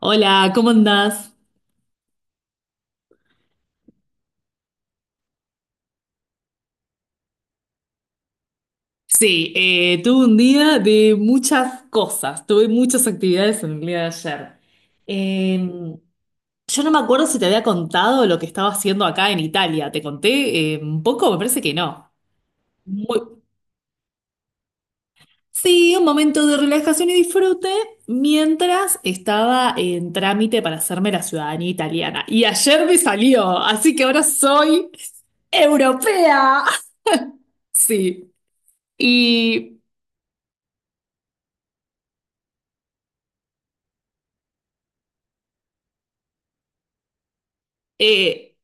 Hola, ¿cómo andás? Sí, tuve un día de muchas cosas, tuve muchas actividades en el día de ayer. Eh, yo no me acuerdo si te había contado lo que estaba haciendo acá en Italia, ¿te conté un poco? Me parece que no. Muy- Sí, un momento de relajación y disfrute mientras estaba en trámite para hacerme la ciudadanía italiana. Y ayer me salió, así que ahora soy europea. Sí. Y eh,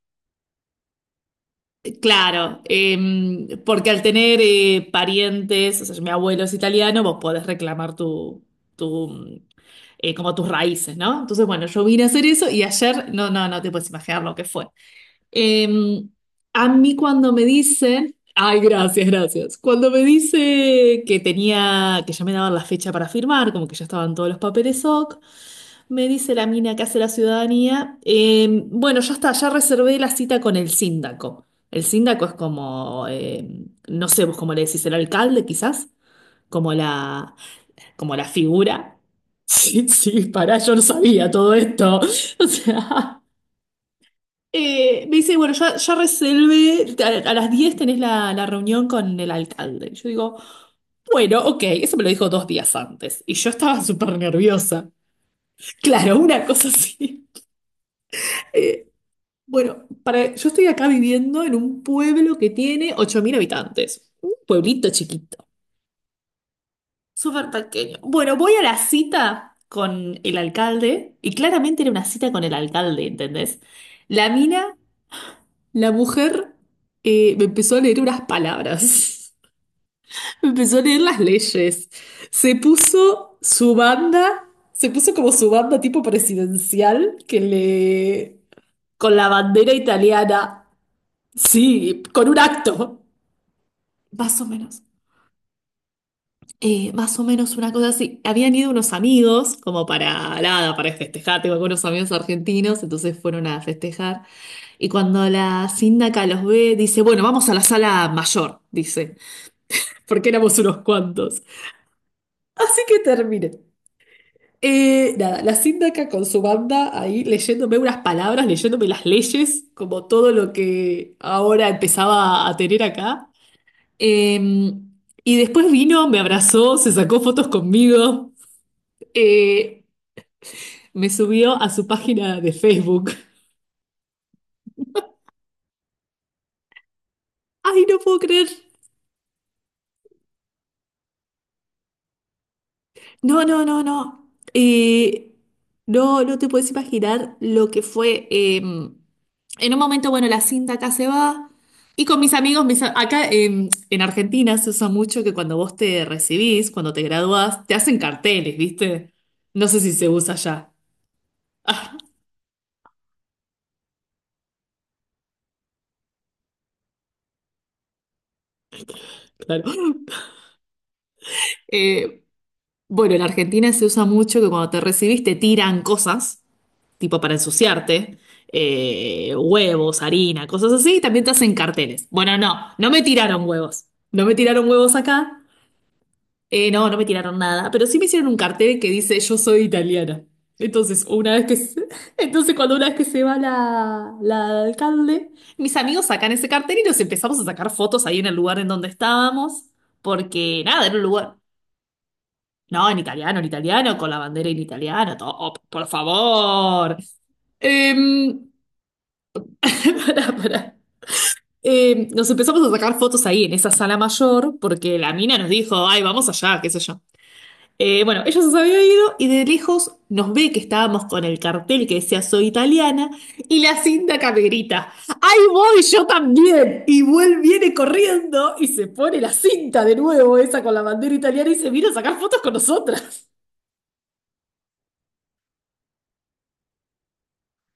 claro, porque al tener parientes, o sea, mi abuelo es italiano, vos podés reclamar tu, mm, como tus raíces, ¿no? Entonces, bueno, yo vine a hacer eso y ayer, no, no, no te puedes imaginar lo que fue. Em, a mí cuando me dicen, ay, gracias, gracias, cuando me dice que tenía, que ya me daban la fecha para firmar, como que ya estaban todos los papeles OK, me dice la mina que hace la ciudadanía. Bueno, ya está, ya reservé la cita con el síndaco. El síndaco es como, no sé, vos cómo le decís, el alcalde quizás, como la, como la figura. Sí, sí, pará, yo no sabía todo esto. O sea, me dice, bueno, ya reservé, a las 10 tenés la reunión con el alcalde. Yo digo, bueno, ok, eso me lo dijo 2 días antes. Y yo estaba súper nerviosa. Claro, una cosa así. Bueno, para, yo estoy acá viviendo en un pueblo que tiene 8.000 habitantes. Un pueblito chiquito, súper pequeño. Bueno, voy a la cita con el alcalde y claramente era una cita con el alcalde, ¿entendés? La mina, la mujer, me empezó a leer unas palabras. Me empezó a leer las leyes. Se puso su banda, se puso como su banda tipo presidencial que le... con la bandera italiana. Sí, con un acto. Más o menos. Más o menos una cosa así. Habían ido unos amigos, como para nada, para festejar. Tengo algunos amigos argentinos, entonces fueron a festejar. Y cuando la síndaca los ve, dice: Bueno, vamos a la sala mayor, dice, porque éramos unos cuantos. Así que terminé. Nada, la síndaca con su banda ahí leyéndome unas palabras, leyéndome las leyes, como todo lo que ahora empezaba a tener acá. Em, y después vino, me abrazó, se sacó fotos conmigo. Eh, Me subió a su página de Facebook. Ay, no puedo creer. No, no, no, no. No, no te puedes imaginar lo que fue. En un momento, bueno, la cinta acá se va. Y con mis amigos, acá en Argentina se usa mucho que cuando vos te recibís, cuando te graduás, te hacen carteles, ¿viste? No sé si se usa ya. Claro. Eh, Bueno, en Argentina se usa mucho que cuando te recibís te tiran cosas, tipo para ensuciarte, huevos, harina, cosas así, y también te hacen carteles. Bueno, no, no me tiraron huevos. No me tiraron huevos acá. No, no me tiraron nada, pero sí me hicieron un cartel que dice yo soy italiana. Entonces, una vez que se- entonces cuando una vez que se va la alcalde, mis amigos sacan ese cartel y nos empezamos a sacar fotos ahí en el lugar en donde estábamos, porque nada, era un lugar. No, en italiano, con la bandera en italiano, todo, por favor. Em, pará, pará. Nos empezamos a sacar fotos ahí en esa sala mayor porque la mina nos dijo, ay, vamos allá, qué sé yo. Bueno, ella se había ido y de lejos nos ve que estábamos con el cartel que decía soy italiana y la cinta que me grita, ¡ay, voy yo también! Y vuelve, viene corriendo y se pone la cinta de nuevo, esa con la bandera italiana y se vino a sacar fotos con nosotras.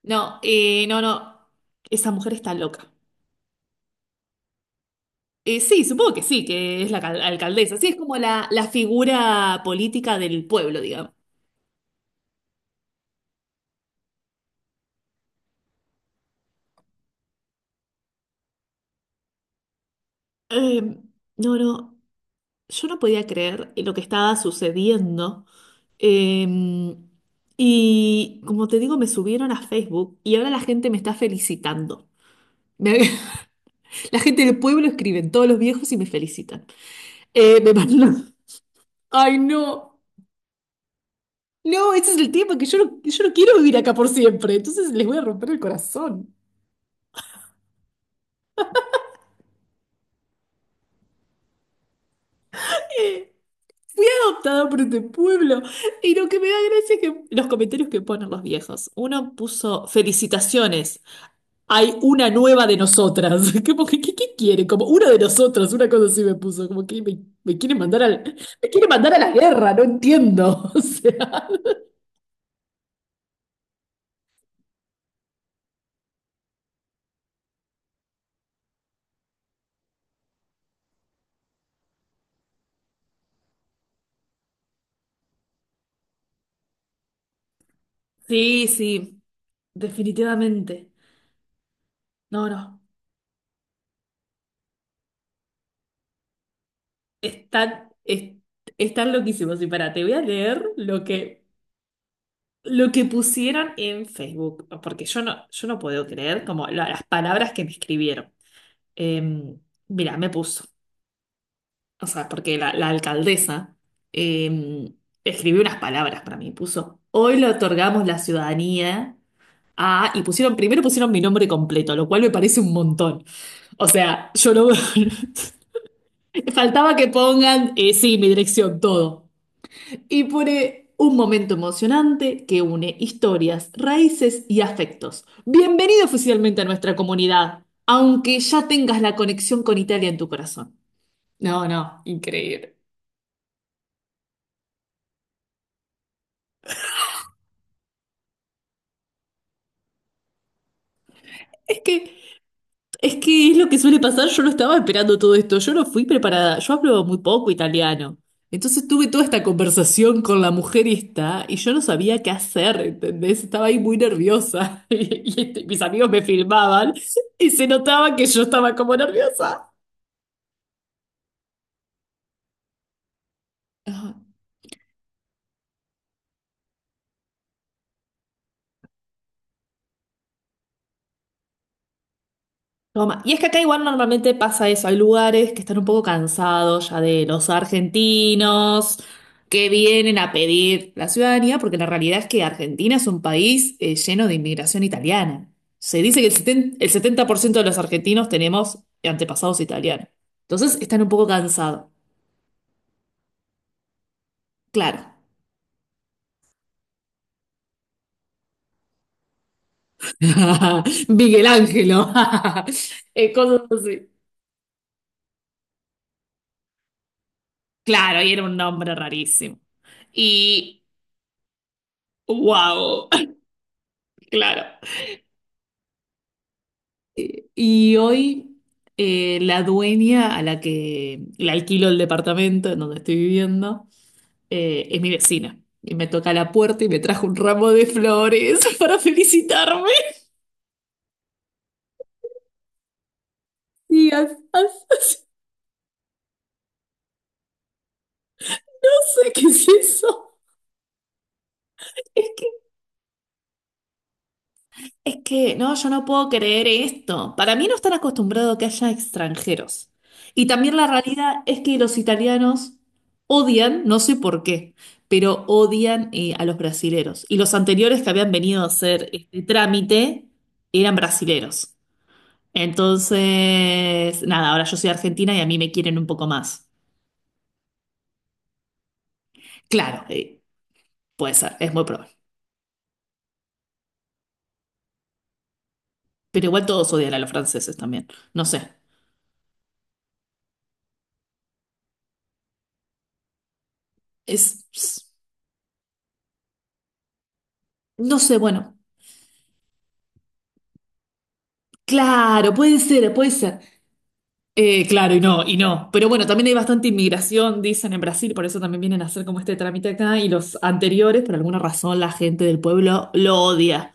No, no, no, esa mujer está loca. Sí, supongo que sí, que es la alcaldesa. Sí, es como la figura política del pueblo, digamos. Eh, no, no, yo no podía creer lo que estaba sucediendo. Eh, y como te digo, me subieron a Facebook y ahora la gente me está felicitando. Me- la gente del pueblo escriben, todos los viejos y me felicitan. Eh, me mandan- Ay, no. No, ese es el tema, que yo no quiero vivir acá por siempre, entonces les voy a romper el corazón. Eh, He adoptado por este pueblo. Y lo que me da gracia es que los comentarios que ponen los viejos. Uno puso, felicitaciones, hay una nueva de nosotras. Como que, ¿qué quiere? Como una de nosotras, una cosa así me puso, como que me quiere mandar al, me quiere mandar a la guerra, no entiendo. O sea. Sí, sí, definitivamente. No, no. Están, están loquísimos. Y para, te voy a leer lo que, pusieron en Facebook, porque yo no puedo creer como las palabras que me escribieron. Eh, Mira, me puso, o sea, porque la alcaldesa eh, escribió unas palabras para mí, puso, hoy le otorgamos la ciudadanía a, y pusieron, primero pusieron mi nombre completo, lo cual me parece un montón. O sea, yo no... Faltaba que pongan, sí, mi dirección, todo. Y pone un momento emocionante que une historias, raíces y afectos. Bienvenido oficialmente a nuestra comunidad, aunque ya tengas la conexión con Italia en tu corazón. No, no, increíble. Es que, es que es lo que suele pasar, yo no estaba esperando todo esto, yo no fui preparada, yo hablo muy poco italiano. Entonces tuve toda esta conversación con la mujer esta y yo no sabía qué hacer, ¿entendés? Estaba ahí muy nerviosa y este, mis amigos me filmaban y se notaba que yo estaba como nerviosa. Ajá. Toma. Y es que acá igual normalmente pasa eso, hay lugares que están un poco cansados ya de los argentinos que vienen a pedir la ciudadanía, porque la realidad es que Argentina es un país lleno de inmigración italiana. Se dice que el 70, el 70% de los argentinos tenemos antepasados italianos. Entonces están un poco cansados, claro. Miguel Ángelo. Cosas así. Claro, y era un nombre rarísimo. Y wow. Claro. Y hoy la dueña a la que le alquilo el departamento en donde estoy viviendo es mi vecina. Y me toca la puerta y me trajo un ramo de flores para felicitarme. Y as- as- no sé qué es eso. Es que no, yo no puedo creer esto. Para mí no están acostumbrados a que haya extranjeros. Y también la realidad es que los italianos odian, no sé por qué, pero odian a los brasileros. Y los anteriores que habían venido a hacer este trámite eran brasileros. Entonces, nada, ahora yo soy argentina y a mí me quieren un poco más. Claro, puede ser, es muy probable. Pero igual todos odian a los franceses también. No sé. Es, no sé, bueno. Claro, puede ser, puede ser. Claro, y no, y no. Pero bueno, también hay bastante inmigración, dicen en Brasil, por eso también vienen a hacer como este trámite acá. Y los anteriores, por alguna razón, la gente del pueblo lo odia.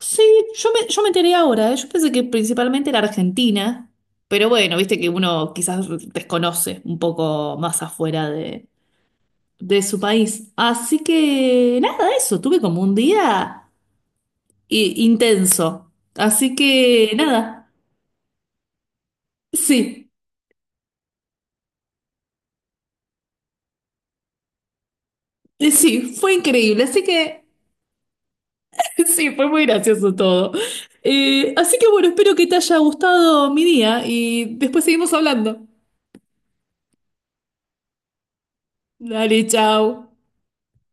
Sí, yo me enteré ahora, ¿eh? Yo pensé que principalmente era Argentina, pero bueno, viste que uno quizás desconoce un poco más afuera de su país. Así que nada, eso, tuve como un día intenso. Así que nada, sí. Y sí, fue increíble, así que sí, fue muy gracioso todo. Así que bueno, espero que te haya gustado mi día y después seguimos hablando. Dale, chao.